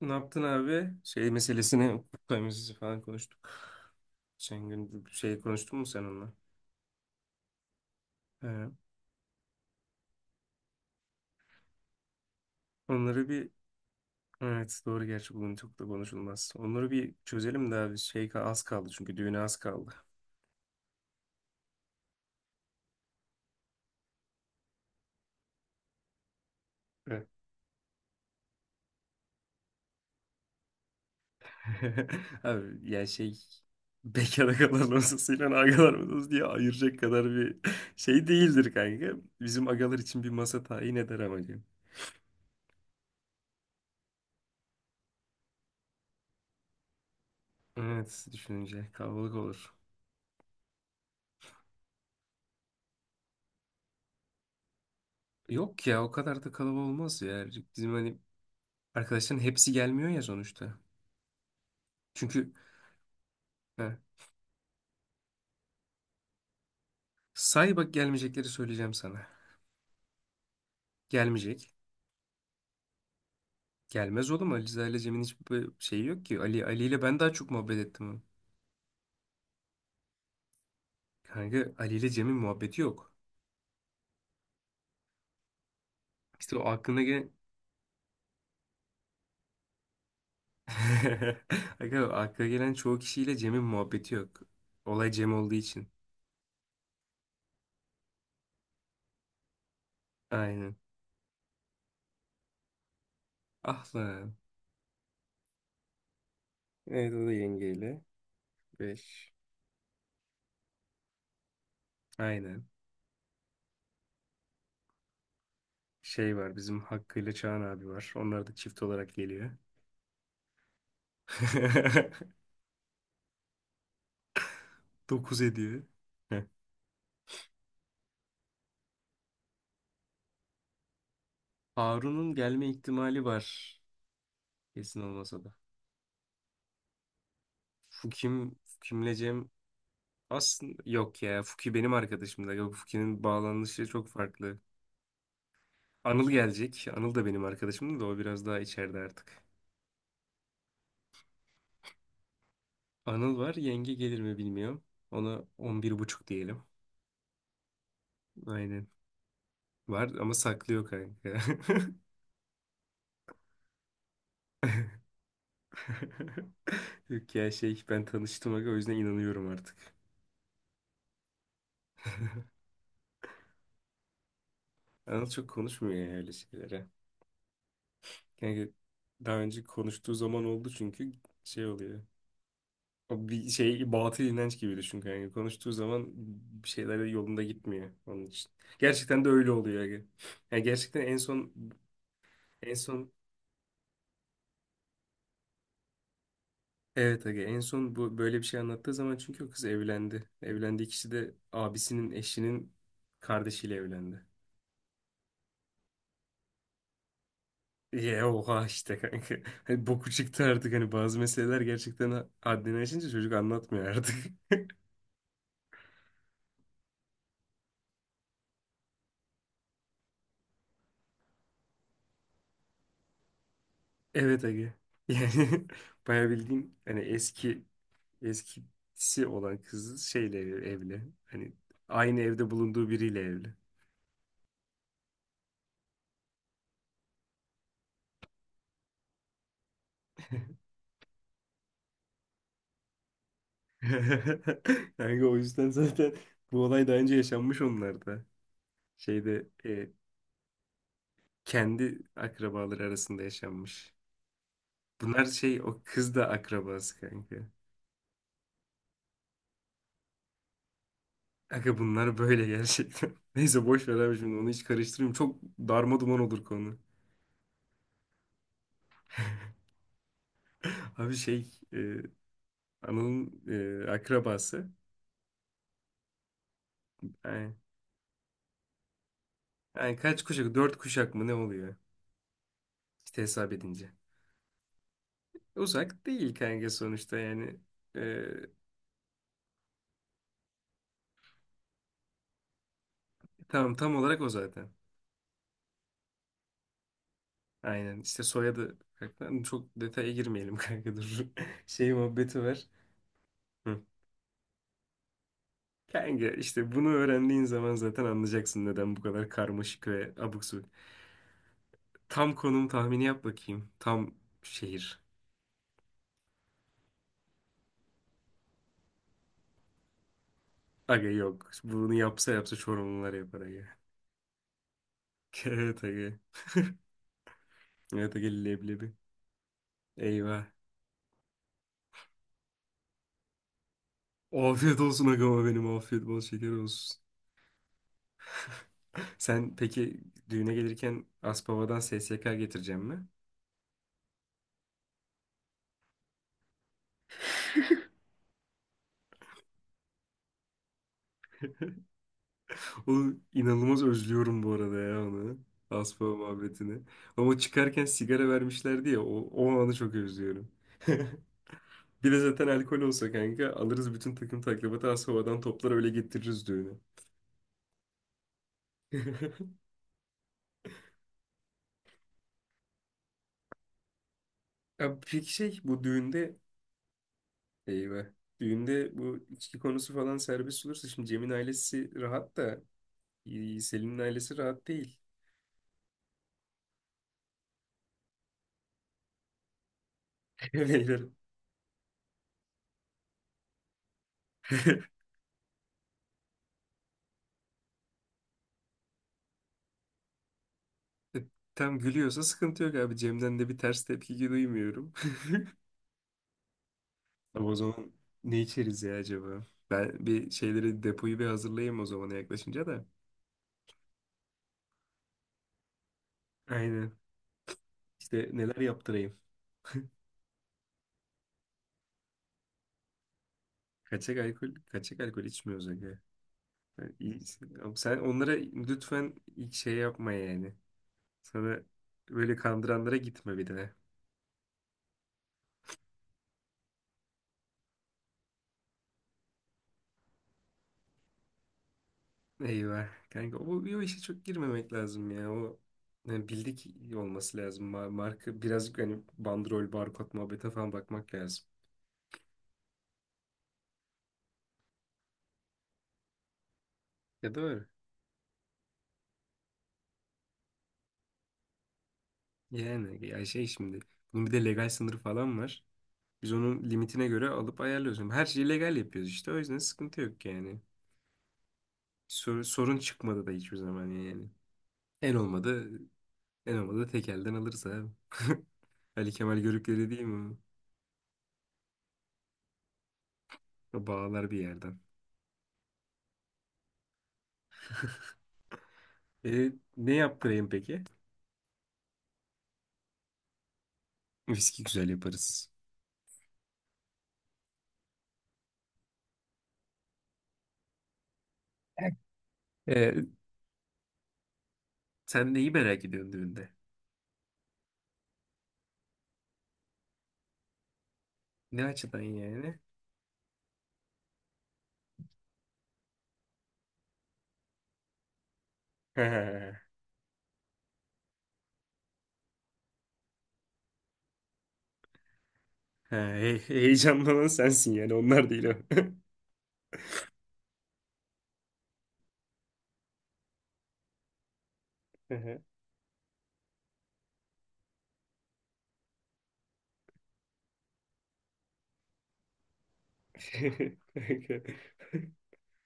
Ne yaptın abi? Şey meselesini, hukuk meselesi falan konuştuk. Geçen gün şey konuştun mu sen onunla? He. Onları bir, evet doğru gerçi bugün çok da konuşulmaz. Onları bir çözelim de abi az kaldı çünkü düğüne az kaldı. Evet. Abi ya şey bekara kalan masasıyla agalar masası diye ayıracak kadar bir şey değildir kanka. Bizim agalar için bir masa tayin eder amacım. Evet düşününce kalabalık olur. Yok ya o kadar da kalabalık olmaz ya. Bizim hani arkadaşların hepsi gelmiyor ya sonuçta. Çünkü he, say bak gelmeyecekleri söyleyeceğim sana. Gelmeyecek. Gelmez oğlum Ali Rıza ile Cem'in hiçbir şeyi yok ki. Ali ile ben daha çok muhabbet ettim. Kanka Ali ile Cem'in muhabbeti yok. İşte o aklına gelen. Kanka aklına gelen çoğu kişiyle Cem'in muhabbeti yok. Olay Cem olduğu için. Aynen. Ah lan. Evet o da yengeyle. Beş. Aynen. Şey var, bizim Hakkı ile Çağan abi var. Onlar da çift olarak geliyor. 9 ediyor. Heh. Harun'un gelme ihtimali var. Kesin olmasa da. Fukim'le Cem aslında yok ya. Fuki benim arkadaşım da. Yok, Fuki'nin bağlanışı çok farklı. Anıl gelecek. Anıl da benim arkadaşım da o biraz daha içeride artık. Anıl var. Yenge gelir mi bilmiyorum. Ona 11,5 diyelim. Aynen. Var ama saklıyor kanka. Yok ya şey, ben tanıştım aga, o yüzden inanıyorum artık. Anıl çok konuşmuyor ya öyle şeylere. Yani daha önce konuştuğu zaman oldu çünkü şey oluyor. O bir şey, batıl inanç gibi düşün kanka. Konuştuğu zaman bir şeyler yolunda gitmiyor onun için. Gerçekten de öyle oluyor aga. Yani gerçekten en son evet aga, en son bu böyle bir şey anlattığı zaman çünkü o kız evlendi. Evlendiği kişi de abisinin eşinin kardeşiyle evlendi. Ye oha işte kanka. Hani boku çıktı artık, hani bazı meseleler gerçekten haddini aşınca çocuk anlatmıyor artık. Evet Ege. Yani bayağı bildiğin hani eski, eskisi olan kız şeyle evli. Hani aynı evde bulunduğu biriyle evli. Yani o yüzden zaten bu olay daha önce yaşanmış onlarda. Şeyde kendi akrabaları arasında yaşanmış. Bunlar şey, o kız da akrabası kanka. Kanka bunlar böyle gerçekten. Neyse boş ver abi, şimdi onu hiç karıştırmayayım. Çok darma duman olur konu. Abi şey, e, Anıl'ın akrabası. Yani, yani kaç kuşak? Dört kuşak mı ne oluyor? İşte hesap edince. Uzak değil kanka sonuçta yani. E tamam, tam olarak o zaten. Aynen işte soyadı kanka. Çok detaya girmeyelim kanka, dur. Şey muhabbeti var. Hı. Kanka işte bunu öğrendiğin zaman zaten anlayacaksın neden bu kadar karmaşık ve abuk subuk. Tam konum tahmini yap bakayım. Tam şehir. Aga yok. Bunu yapsa yapsa Çorumlular yapar aga. Evet aga. Ya da gel leblebi. Eyvah. Afiyet olsun agama benim, afiyet bol şeker olsun. Sen peki düğüne gelirken Aspava'dan SSK getireceğim mi? O, inanılmaz özlüyorum bu arada ya onu. Aspava muhabbetini. Ama çıkarken sigara vermişlerdi ya, o, o anı çok özlüyorum. Bir de zaten alkol olsa kanka alırız bütün takım taklabatı, Aspava'dan toplar öyle getiririz düğüne. Ya peki şey, bu düğünde eyvah. Düğünde bu içki konusu falan serbest olursa şimdi Cem'in ailesi rahat da Selin'in ailesi rahat değil. Beyler. Tam gülüyorsa sıkıntı yok abi. Cem'den de bir ters tepki duymuyorum. Ama o zaman ne içeriz ya acaba? Ben bir şeyleri, depoyu bir hazırlayayım o zamana yaklaşınca da. Aynen. İşte neler yaptırayım. Kaçak alkol içmiyoruz aga. Ben iyi- Ama sen onlara lütfen ilk şey yapma yani. Sana böyle kandıranlara gitme bir de. Eyvah. Kanka o, o işe çok girmemek lazım ya. O yani bildik olması lazım. Marka, birazcık hani bandrol, barkod muhabbete falan bakmak lazım. Ya doğru. Yani ya şey, şimdi bunun bir de legal sınırı falan var. Biz onun limitine göre alıp ayarlıyoruz. Ama her şeyi legal yapıyoruz işte. O yüzden sıkıntı yok yani. Sorun çıkmadı da hiçbir zaman yani. En olmadı en olmadı tek elden alırız abi. Ali Kemal Görükleri değil mi? O? O Bağlar bir yerden. E, ne yaptırayım peki? Viski güzel yaparız. Ee, sen neyi merak ediyorsun düğünde? Ne açıdan yani? He, heyecanlanan sensin yani, onlar değil o. He, he.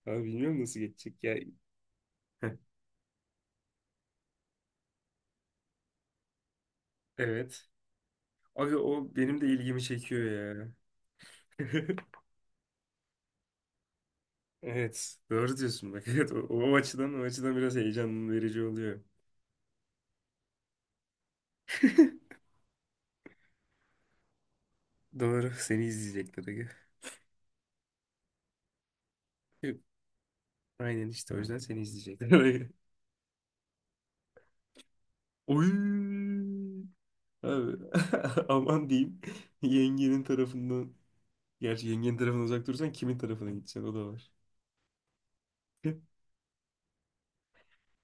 Abi bilmiyorum nasıl geçecek ya. Heh, Evet. Abi o benim de ilgimi çekiyor ya. Evet. Doğru diyorsun bak. Evet, o açıdan, biraz heyecan verici oluyor. Doğru. Seni izleyecekler aga. Aynen işte o yüzden seni izleyecekler. Oy. Abi aman diyeyim, yengenin tarafından, gerçi yengenin tarafından uzak durursan kimin tarafına gideceksin, o da var.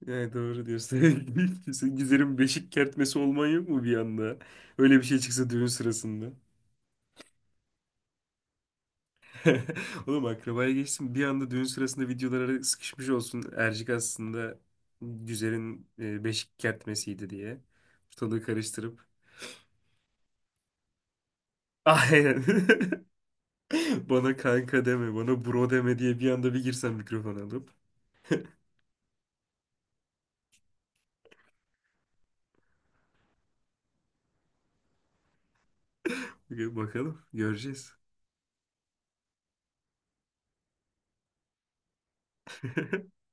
Yani doğru diyorsun. Sen Gizer'in beşik kertmesi olman yok mu bir anda? Öyle bir şey çıksa düğün sırasında. Oğlum akrabaya geçtim. Bir anda düğün sırasında videolara sıkışmış olsun Ercik, aslında güzelin beşik kertmesiydi diye. Ortalığı karıştırıp. Aynen. Bana kanka deme, bana bro deme diye bir anda bir girsen mikrofon alıp. Bakalım göreceğiz.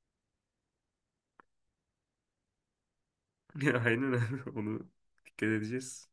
Aynen abi, onu dikkat edeceğiz.